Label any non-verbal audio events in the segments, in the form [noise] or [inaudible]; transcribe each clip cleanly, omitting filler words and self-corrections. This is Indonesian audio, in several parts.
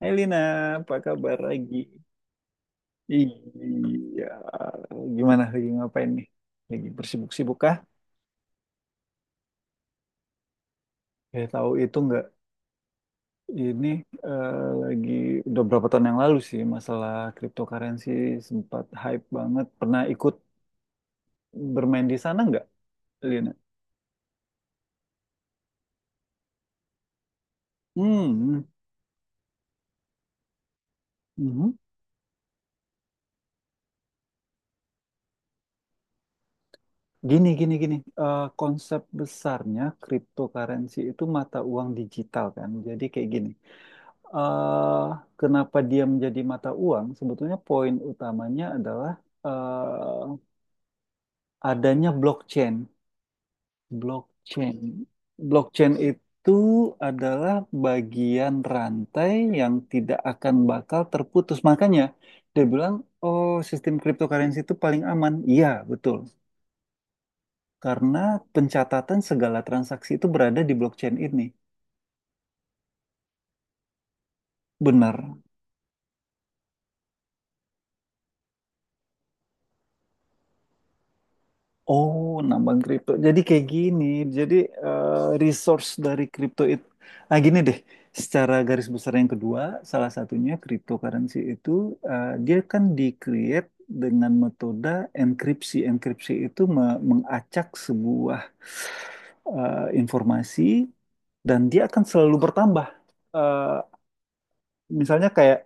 Hai Lina, apa kabar lagi? Iya, gimana lagi ngapain nih? Lagi bersibuk-sibuk kah? Ya tahu itu nggak? Ini eh, lagi udah berapa tahun yang lalu sih masalah cryptocurrency sempat hype banget. Pernah ikut bermain di sana nggak, Lina? Hmm, mhm. Gini, gini, gini. Konsep besarnya cryptocurrency itu mata uang digital kan. Jadi kayak gini. eh, Kenapa dia menjadi mata uang, sebetulnya poin utamanya adalah eh, adanya blockchain. Blockchain. Blockchain itu adalah bagian rantai yang tidak akan bakal terputus. Makanya dia bilang, oh sistem cryptocurrency itu paling aman. Iya, betul. Karena pencatatan segala transaksi itu berada di blockchain ini. Benar. Oh, nambang kripto. Jadi kayak gini. Jadi resource dari kripto itu, gini deh. Secara garis besar yang kedua, salah satunya cryptocurrency itu dia kan di-create dengan metode enkripsi. Enkripsi itu mengacak sebuah informasi dan dia akan selalu bertambah. Eh, Misalnya kayak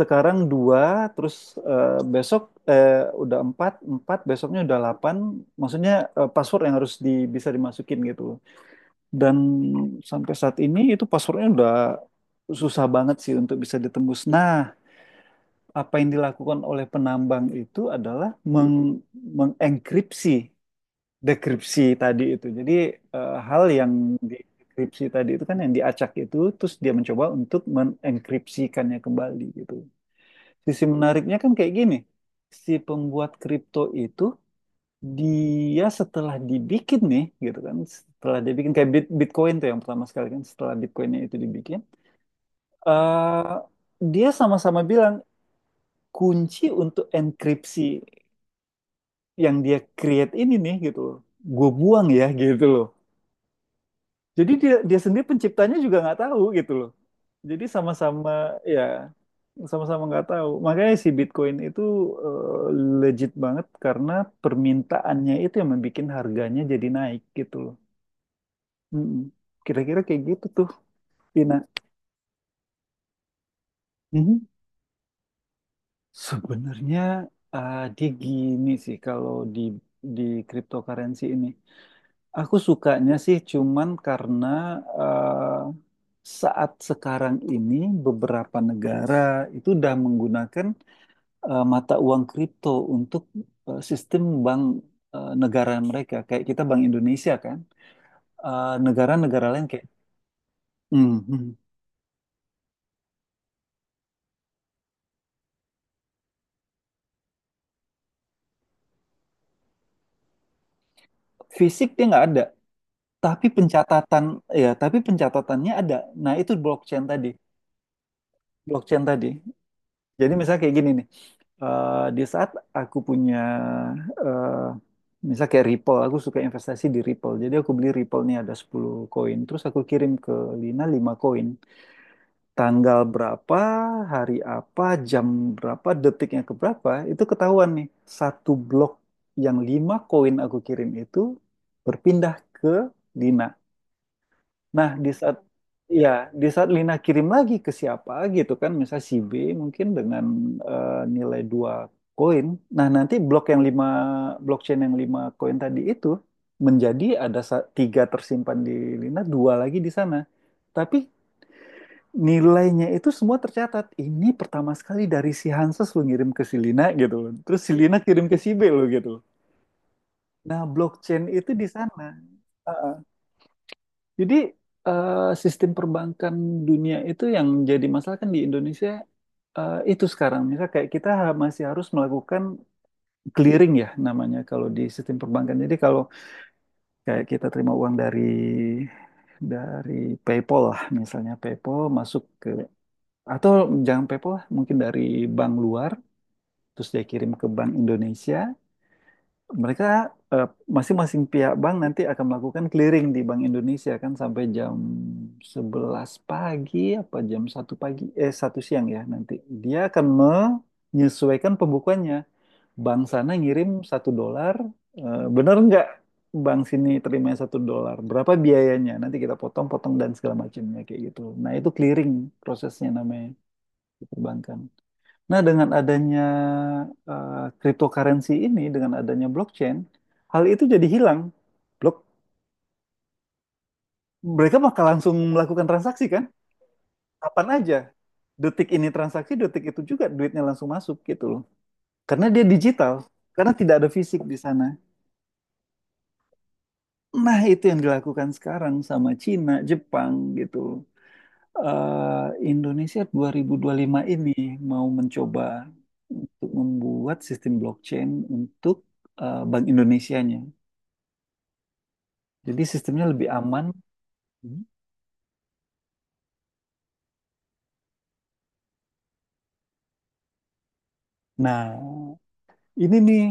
sekarang dua, terus besok udah empat, empat besoknya udah delapan. Maksudnya password yang harus bisa dimasukin gitu. Dan sampai saat ini itu passwordnya udah susah banget sih untuk bisa ditembus. Nah, apa yang dilakukan oleh penambang itu adalah mengenkripsi dekripsi tadi itu. Jadi hal yang dikripsi tadi itu kan yang diacak itu, terus dia mencoba untuk menenkripsikannya kembali gitu. Sisi menariknya kan kayak gini, si pembuat kripto itu dia setelah dibikin nih, gitu kan, setelah dibikin kayak Bitcoin tuh yang pertama sekali kan, setelah Bitcoinnya itu dibikin, eh dia sama-sama bilang kunci untuk enkripsi yang dia create ini nih gitu loh, gue buang ya gitu loh. Jadi dia dia sendiri penciptanya juga nggak tahu gitu loh. Jadi sama-sama ya sama-sama nggak tahu. Makanya si Bitcoin itu eh, legit banget karena permintaannya itu yang membuat harganya jadi naik gitu loh. Mm-mm. Kira-kira kayak gitu tuh, Vina. Mhm. Sebenarnya dia gini sih kalau di cryptocurrency ini. Aku sukanya sih cuman karena eh, saat sekarang ini beberapa negara itu udah menggunakan mata uang kripto untuk sistem bank negara mereka. Kayak kita Bank Indonesia kan. Negara-negara lain kayak "Hmm, hmm." Fisik dia nggak ada, tapi pencatatan ya, tapi pencatatannya ada. Nah itu blockchain tadi, blockchain tadi. Jadi misalnya kayak gini nih, di saat aku punya, eh misalnya kayak Ripple, aku suka investasi di Ripple. Jadi aku beli Ripple nih ada 10 koin, terus aku kirim ke Lina 5 koin. Tanggal berapa, hari apa, jam berapa, detiknya ke berapa, itu ketahuan nih. Satu blok yang 5 koin aku kirim itu berpindah ke Lina. Nah, di saat ya, di saat Lina kirim lagi ke siapa gitu kan, misalnya si B mungkin dengan nilai 2 koin. Nah, nanti blok yang lima blockchain yang 5 koin tadi itu menjadi ada tiga tersimpan di Lina, dua lagi di sana. Tapi nilainya itu semua tercatat. Ini pertama sekali dari si Hanses lo ngirim ke si Lina gitu loh. Terus si Lina kirim ke si B lo gitu. Nah, blockchain itu di sana. Jadi sistem perbankan dunia itu yang jadi masalah kan di Indonesia itu sekarang misalnya kayak kita masih harus melakukan clearing ya namanya kalau di sistem perbankan. Jadi kalau kayak kita terima uang dari PayPal lah misalnya PayPal masuk ke atau jangan PayPal lah, mungkin dari bank luar terus dia kirim ke bank Indonesia mereka eh, masing-masing pihak bank nanti akan melakukan clearing di Bank Indonesia kan sampai jam 11 pagi apa jam 1 pagi 1 siang ya nanti. Dia akan menyesuaikan pembukuannya. Bank sana ngirim 1 dolar, bener nggak? Bank sini terima 1 dolar. Berapa biayanya? Nanti kita potong-potong dan segala macamnya kayak gitu. Nah itu clearing prosesnya namanya di perbankan. Nah, dengan adanya eh, cryptocurrency ini, dengan adanya blockchain, hal itu jadi hilang. Blok, mereka bakal langsung melakukan transaksi kan? Kapan aja. Detik ini transaksi, detik itu juga duitnya langsung masuk gitu loh. Karena dia digital, karena tidak ada fisik di sana. Nah, itu yang dilakukan sekarang sama Cina, Jepang gitu loh. Indonesia 2025 ini mau mencoba untuk membuat sistem blockchain untuk Bank Indonesianya. Jadi sistemnya lebih aman. Hmm. Nah, ini nih,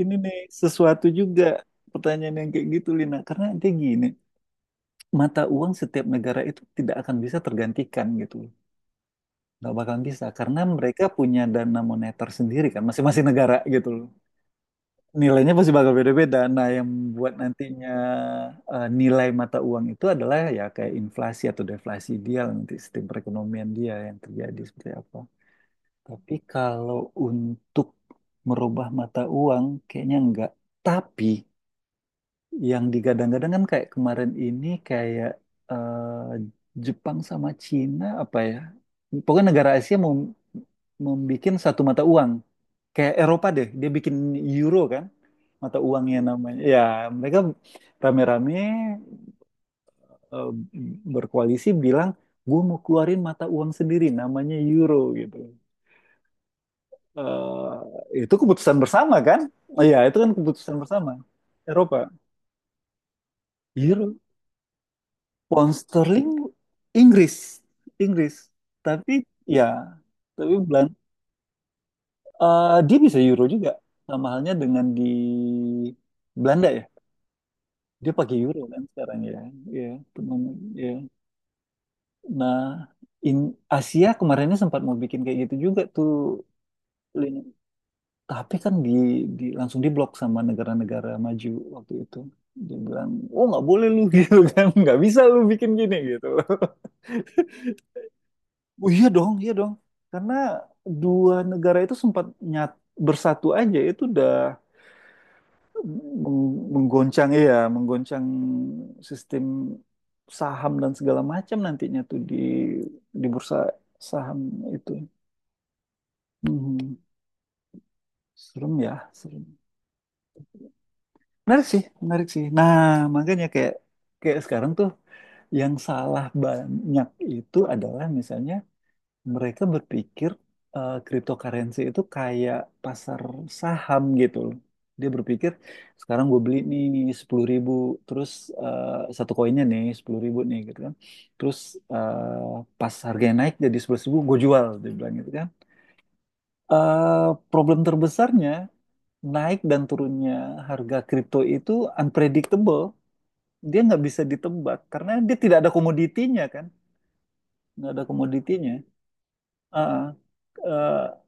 ini nih sesuatu juga pertanyaan yang kayak gitu, Lina. Karena dia gini, mata uang setiap negara itu tidak akan bisa tergantikan gitu. Nggak bakal bisa, karena mereka punya dana moneter sendiri kan, masing-masing negara gitu loh. Nilainya pasti bakal beda-beda. Nah, yang buat nantinya nilai mata uang itu adalah ya kayak inflasi atau deflasi dia lah nanti sistem perekonomian dia yang terjadi seperti apa. Tapi kalau untuk merubah mata uang, kayaknya enggak. Tapi yang digadang-gadang kan kayak kemarin ini kayak Jepang sama Cina apa ya? Pokoknya negara Asia mau membuat satu mata uang. Kayak Eropa deh, dia bikin euro kan, mata uangnya namanya. Ya, mereka rame-rame eh, berkoalisi bilang, gue mau keluarin mata uang sendiri, namanya euro gitu. Itu keputusan bersama kan? Iya, itu kan keputusan bersama. Eropa, Euro, pound sterling, Inggris, Inggris. Tapi ya, tapi Belanda, dia bisa Euro juga. Sama halnya dengan di Belanda ya. Dia pakai Euro kan sekarang ya. Iya, penuh ya. Nah, in Asia kemarinnya sempat mau bikin kayak gitu juga tuh. Tapi kan di langsung diblok sama negara-negara maju waktu itu. Dia bilang, oh nggak boleh lu [laughs] gitu kan, nggak bisa lu bikin gini gitu. [laughs] Oh iya dong, iya dong. Karena dua negara itu sempat nyat bersatu aja itu udah menggoncang ya, menggoncang sistem saham dan segala macam nantinya tuh di bursa saham itu. Hmm, serem ya, serem. Menarik sih, menarik sih. Nah, makanya kayak kayak sekarang tuh yang salah banyak itu adalah misalnya mereka berpikir cryptocurrency itu kayak pasar saham gitu loh. Dia berpikir sekarang gue beli nih 10.000, terus satu koinnya nih 10.000 nih gitu kan. Terus pas harganya naik jadi 11.000 ribu gue jual, dia bilang gitu kan. Problem terbesarnya naik dan turunnya harga kripto itu unpredictable dia nggak bisa ditebak karena dia tidak ada komoditinya kan, nggak ada komoditinya. Ah, eh,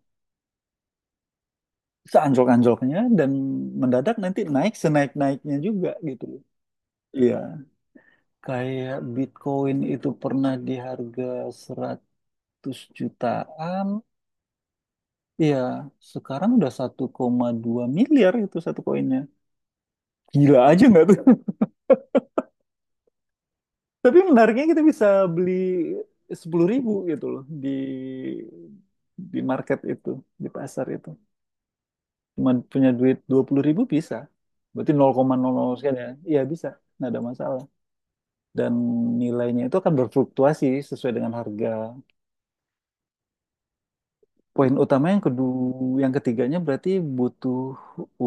Seanjlok-anjloknya dan mendadak nanti naik senaik-naiknya juga gitu. Iya kayak Bitcoin itu pernah di harga 100 jutaan. Iya sekarang udah 1,2 miliar itu satu koinnya, gila aja nggak tuh. [laughs] Tapi menariknya kita bisa beli 10.000 gitu loh di market itu, di pasar itu cuma punya duit 20.000 bisa. Berarti nol nol koma nol nol sekian ya. Iya bisa, nggak ada masalah. Dan nilainya itu akan berfluktuasi sesuai dengan harga. Poin utama yang kedua, yang ketiganya berarti butuh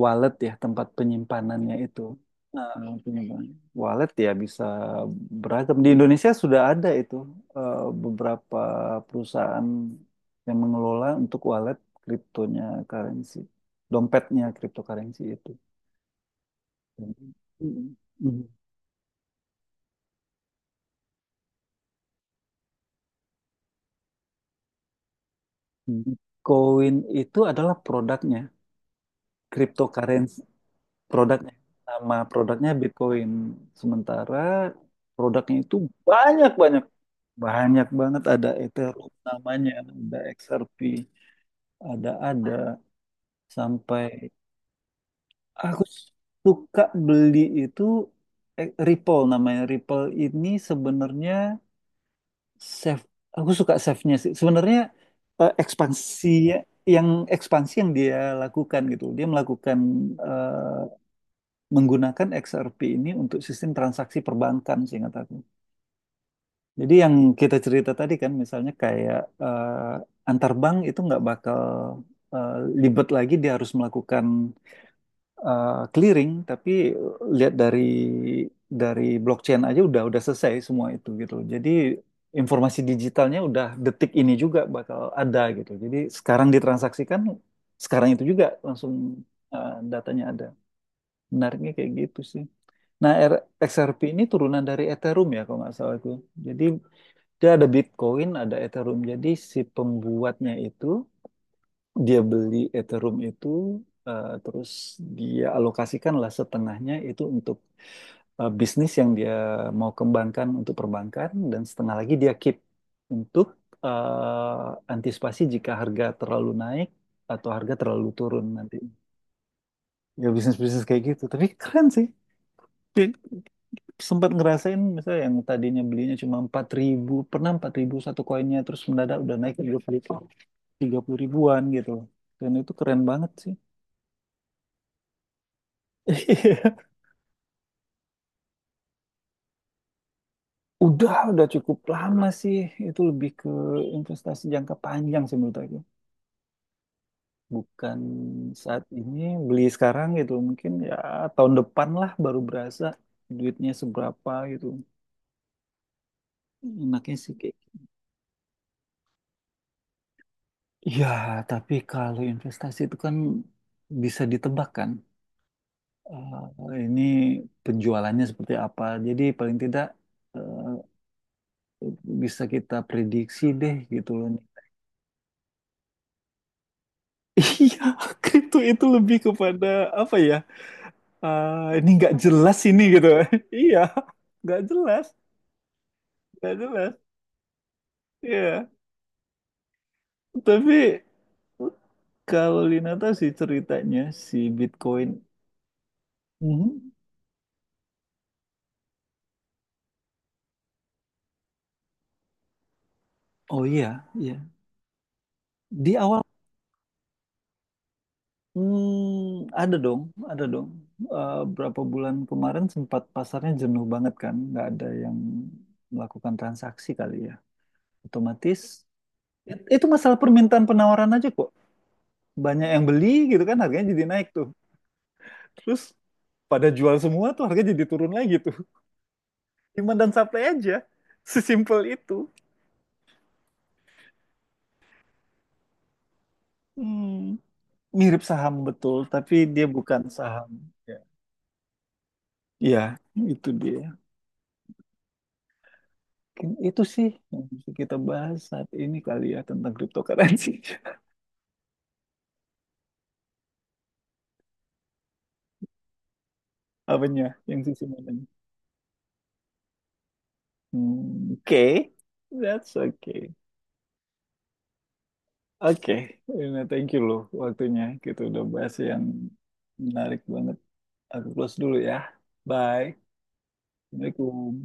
wallet ya, tempat penyimpanannya itu. Nah, penyimpanan. Wallet ya bisa beragam. Di Indonesia sudah ada itu eh, beberapa perusahaan yang mengelola untuk wallet kriptonya currency, dompetnya cryptocurrency itu. Mm. Mm. Bitcoin itu adalah produknya, cryptocurrency produknya. Nama produknya Bitcoin. Sementara produknya itu banyak-banyak. Banyak banget ada Ethereum namanya, ada XRP, ada sampai aku suka beli itu Ripple namanya. Ripple ini sebenarnya Chef, aku suka chefnya sih. Sebenarnya eh, ekspansi yang ekspansi yang dia lakukan gitu, dia melakukan eh, menggunakan XRP ini untuk sistem transaksi perbankan sih kata aku. Jadi yang kita cerita tadi kan, misalnya kayak antar bank itu nggak bakal eh, libet lagi, dia harus melakukan clearing tapi lihat dari blockchain aja udah selesai semua itu gitu. Jadi informasi digitalnya udah detik ini juga bakal ada gitu. Jadi sekarang ditransaksikan sekarang itu juga langsung datanya ada. Menariknya kayak gitu sih. Nah, XRP ini turunan dari Ethereum ya kalau nggak salah itu. Jadi dia ada Bitcoin, ada Ethereum. Jadi si pembuatnya itu dia beli Ethereum itu terus dia alokasikan lah setengahnya itu untuk bisnis yang dia mau kembangkan untuk perbankan dan setengah lagi dia keep untuk antisipasi jika harga terlalu naik atau harga terlalu turun nanti. Ya bisnis-bisnis kayak gitu. Tapi keren sih. Ya. Sempat ngerasain misalnya yang tadinya belinya cuma 4.000, pernah 4.000 satu koinnya terus mendadak udah naik 30.000-an gitu. Dan itu keren banget sih. [laughs] Udah, cukup lama sih. Itu lebih ke investasi jangka panjang sih menurut aku. Bukan saat ini beli sekarang gitu. Mungkin ya tahun depan lah baru berasa duitnya seberapa gitu. Enaknya sih kayak. Ya, tapi kalau investasi itu kan bisa ditebak kan. Ini penjualannya seperti apa. Jadi paling tidak eh, bisa kita prediksi deh gitu loh. Iya, [laughs] itu lebih kepada apa ya? Ini nggak jelas ini gitu. [laughs] Iya, nggak jelas, nggak jelas. Iya, tapi kalau Lina tahu sih ceritanya si Bitcoin. Mhm. Oh iya, iya. Di awal ada dong, ada dong. Berapa bulan kemarin sempat pasarnya jenuh banget kan, nggak ada yang melakukan transaksi kali ya. Otomatis itu masalah permintaan penawaran aja kok. Banyak yang beli gitu kan, harganya jadi naik tuh. Terus pada jual semua tuh harga jadi turun lagi tuh. [laughs] Demand dan supply aja. Sesimpel itu. Hmm. Mirip saham betul, tapi dia bukan saham. Ya, iya, itu dia. Mungkin itu sih yang bisa kita bahas saat ini kali ya tentang cryptocurrency. [laughs] Apanya? Yang sisi mananya? Hmm. Oke. That's okay. Oke, Rina, thank you loh waktunya. Kita udah bahas yang menarik banget. Aku close dulu ya. Bye. Assalamualaikum.